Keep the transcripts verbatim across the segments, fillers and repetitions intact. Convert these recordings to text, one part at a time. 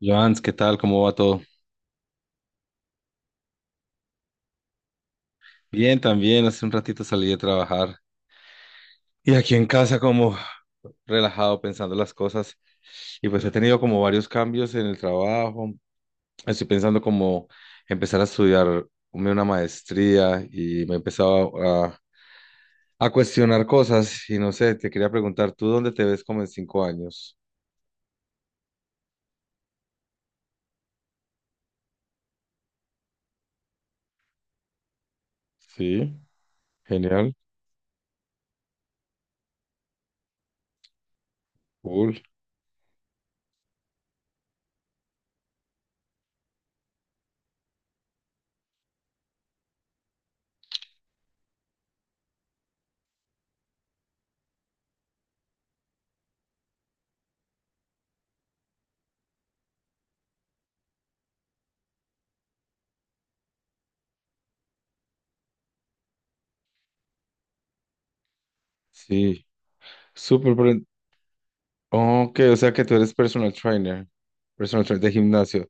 Joans, ¿qué tal? ¿Cómo va todo? Bien, también. Hace un ratito salí de trabajar y aquí en casa como relajado pensando las cosas. Y pues he tenido como varios cambios en el trabajo. Estoy pensando como empezar a estudiar una maestría y me he empezado a, a cuestionar cosas. Y no sé, te quería preguntar, ¿tú dónde te ves como en cinco años? Sí, genial, cool. Sí, súper. Pero ok, o sea que tú eres personal trainer, personal trainer de gimnasio.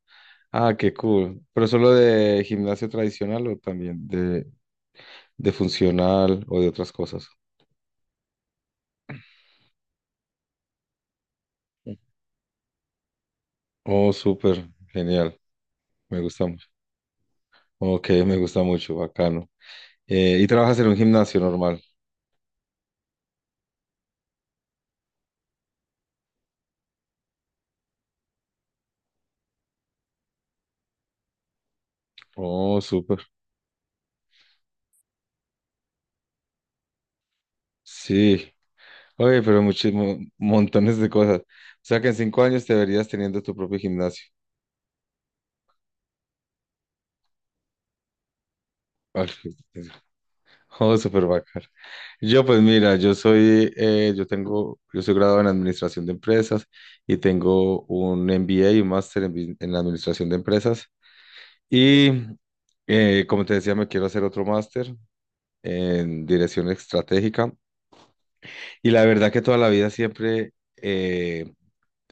Ah, qué cool. ¿Pero solo de gimnasio tradicional o también de, de funcional o de otras cosas? Oh, súper, genial. Me gusta mucho. Ok, me gusta mucho, bacano. Eh, ¿y trabajas en un gimnasio normal? Oh, súper. Sí. Oye, pero muchísimos, montones de cosas. O sea que en cinco años te verías teniendo tu propio gimnasio. Ah, qué- Oh, súper bacano. Yo, pues mira, yo soy, eh, yo tengo, yo soy graduado en administración de empresas y tengo un M B A y un máster en, bus- en administración de empresas. Y eh, como te decía, me quiero hacer otro máster en dirección estratégica. Y la verdad que toda la vida siempre eh,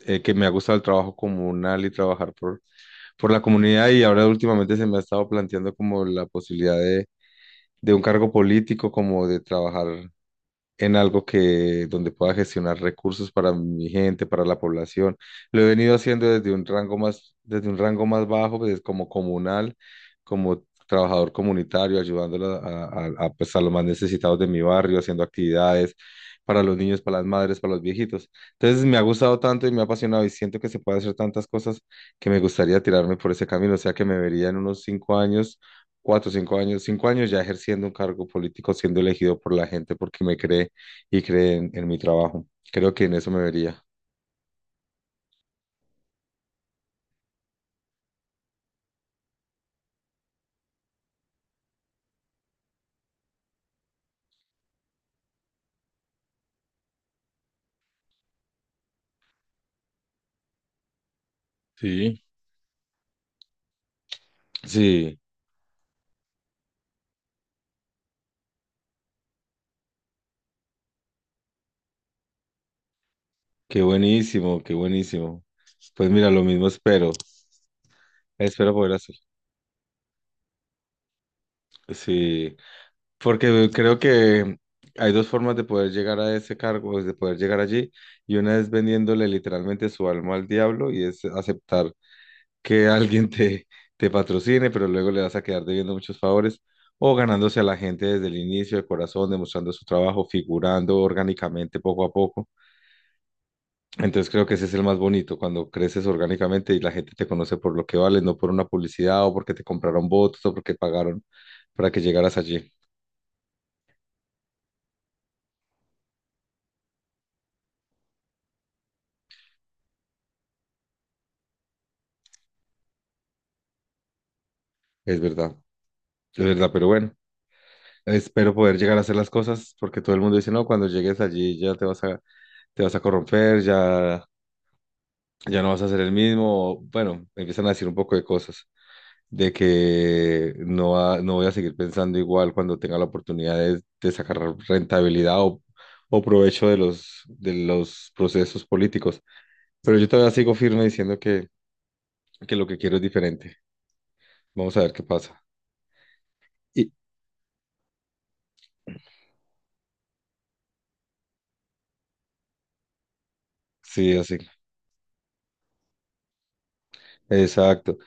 eh, que me ha gustado el trabajo comunal y trabajar por, por la comunidad y ahora últimamente se me ha estado planteando como la posibilidad de, de un cargo político, como de trabajar en algo que donde pueda gestionar recursos para mi gente, para la población. Lo he venido haciendo desde un rango más, desde un rango más bajo, pues, como comunal, como trabajador comunitario, ayudando a, a- a, pues, a los más necesitados de mi barrio, haciendo actividades para los niños, para las madres, para los viejitos. Entonces me ha gustado tanto y me ha apasionado y siento que se puede hacer tantas cosas que me gustaría tirarme por ese camino, o sea que me vería en unos cinco años. Cuatro, cinco años, cinco años ya ejerciendo un cargo político, siendo elegido por la gente porque me cree y creen en mi trabajo. Creo que en eso me vería. Sí, sí, qué buenísimo, qué buenísimo. Pues mira, lo mismo espero, espero poder hacer. Sí, porque creo que hay dos formas de poder llegar a ese cargo, de poder llegar allí, y una es vendiéndole literalmente su alma al diablo y es aceptar que alguien te, te patrocine, pero luego le vas a quedar debiendo muchos favores, o ganándose a la gente desde el inicio, de corazón, demostrando su trabajo, figurando orgánicamente poco a poco. Entonces creo que ese es el más bonito, cuando creces orgánicamente y la gente te conoce por lo que vales, no por una publicidad o porque te compraron votos o porque pagaron para que llegaras allí. Es verdad, es verdad, pero bueno, espero poder llegar a hacer las cosas porque todo el mundo dice, no, cuando llegues allí ya te vas a, te vas a corromper, ya, ya no vas a ser el mismo. Bueno, empiezan a decir un poco de cosas. De que no, va- no voy a seguir pensando igual cuando tenga la oportunidad de, de sacar rentabilidad o, o provecho de los, de los procesos políticos. Pero yo todavía sigo firme diciendo que, que lo que quiero es diferente. Vamos a ver qué pasa. Y sí, así. Exacto.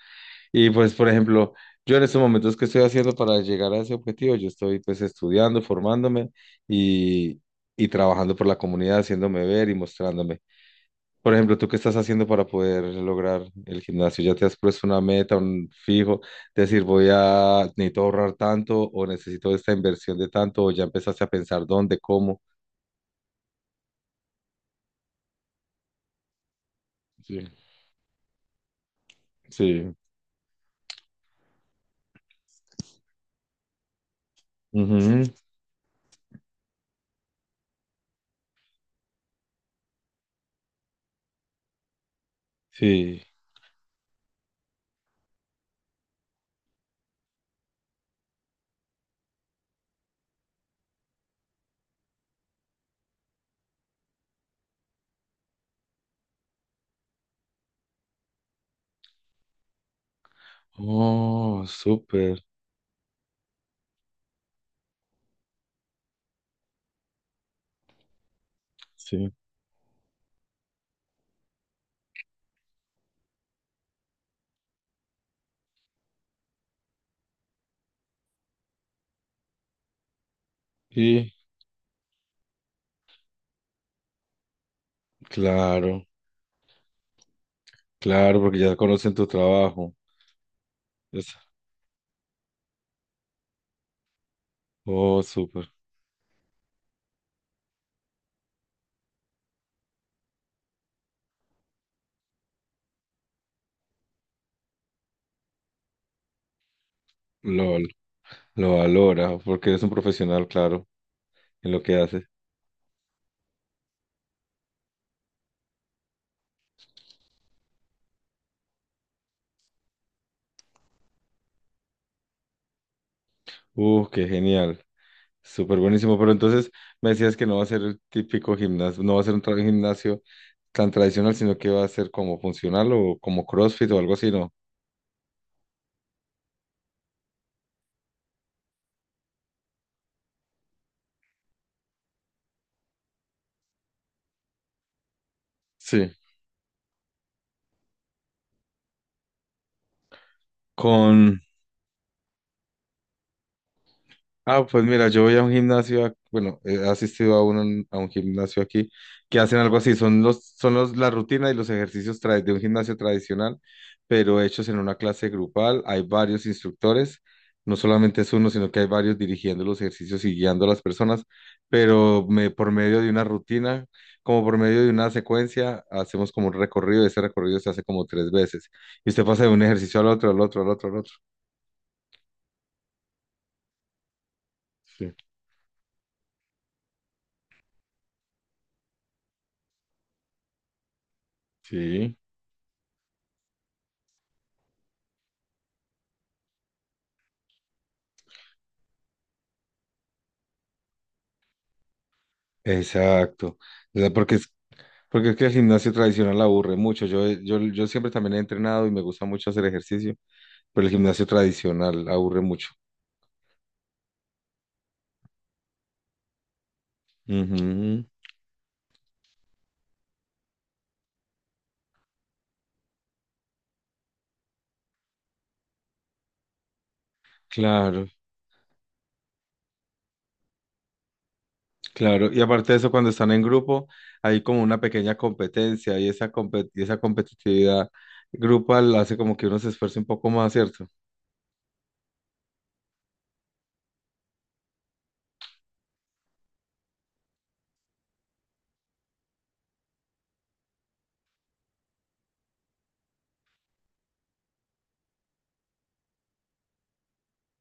Y pues, por ejemplo, yo en estos momentos, ¿qué estoy haciendo para llegar a ese objetivo? Yo estoy pues estudiando, formándome y, y trabajando por la comunidad, haciéndome ver y mostrándome. Por ejemplo, ¿tú qué estás haciendo para poder lograr el gimnasio? ¿Ya te has puesto una meta, un fijo? Decir, voy a, necesito ahorrar tanto o necesito esta inversión de tanto o ya empezaste a pensar dónde, cómo. Sí, sí. Ujú, sí. Oh, súper. Sí. Y claro, claro, porque ya conocen tu trabajo. Es- Oh, súper. Lo, val- lo valora porque eres un profesional, claro, en lo que haces. Uh, qué genial. Súper buenísimo, pero entonces me decías que no va a ser el típico gimnasio, no va a ser un tra- gimnasio tan tradicional, sino que va a ser como funcional o como CrossFit o algo así, ¿no? Sí. Con Ah, pues mira, yo voy a un gimnasio, ac- bueno, he asistido a uno, en- a un gimnasio aquí que hacen algo así, son los, son los, la rutina y los ejercicios tra- de un gimnasio tradicional, pero hechos en una clase grupal, hay varios instructores, no solamente es uno, sino que hay varios dirigiendo los ejercicios y guiando a las personas, pero me, por medio de una rutina, como por medio de una secuencia, hacemos como un recorrido, ese recorrido se hace como tres veces, y usted pasa de un ejercicio al otro, al otro, al otro, al otro. Sí. Sí. Exacto, o sea, porque es, porque es que el gimnasio tradicional aburre mucho. Yo, yo, yo siempre también he entrenado y me gusta mucho hacer ejercicio, pero el gimnasio tradicional aburre mucho. Ujú, claro, claro. Y aparte de eso, cuando están en grupo, hay como una pequeña competencia y esa, compe- y esa competitividad grupal hace como que uno se esfuerce un poco más, ¿cierto?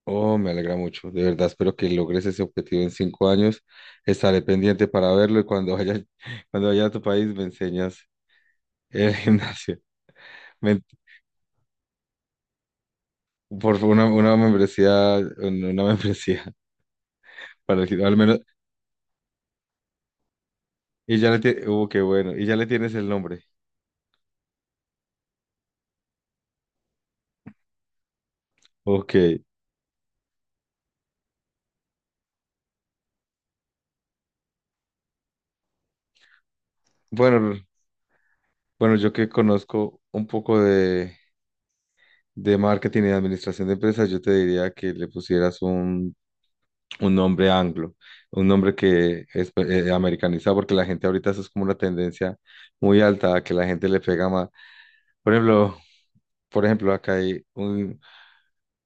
Oh, me alegra mucho. De verdad, espero que logres ese objetivo en cinco años. Estaré pendiente para verlo y cuando vaya, cuando vaya a tu país me enseñas. El gimnasio. Me- por una, una membresía, una membresía para el gimnasio, al menos. Y ya le tienes, uh, qué bueno, y ya le tienes el nombre. Ok. Bueno, bueno, yo que conozco un poco de, de marketing y de administración de empresas, yo te diría que le pusieras un, un nombre anglo, un nombre que es eh, americanizado, porque la gente ahorita eso es como una tendencia muy alta, que la gente le pega más. Por ejemplo, por ejemplo, acá hay un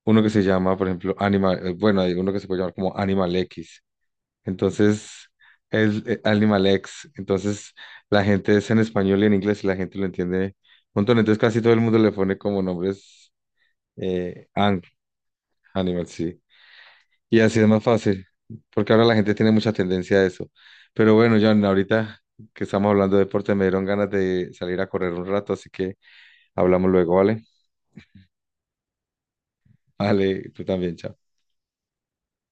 uno que se llama, por ejemplo, Animal, eh, bueno, hay uno que se puede llamar como Animal X. Entonces, es eh, Animal X. Entonces, la gente es en español y en inglés y la gente lo entiende un montón. Entonces, casi todo el mundo le pone como nombres eh, ang- Animal, sí. Y así es más fácil, porque ahora la gente tiene mucha tendencia a eso. Pero bueno, John, ahorita que estamos hablando de deporte, me dieron ganas de salir a correr un rato, así que hablamos luego, ¿vale? Vale, tú también, chao.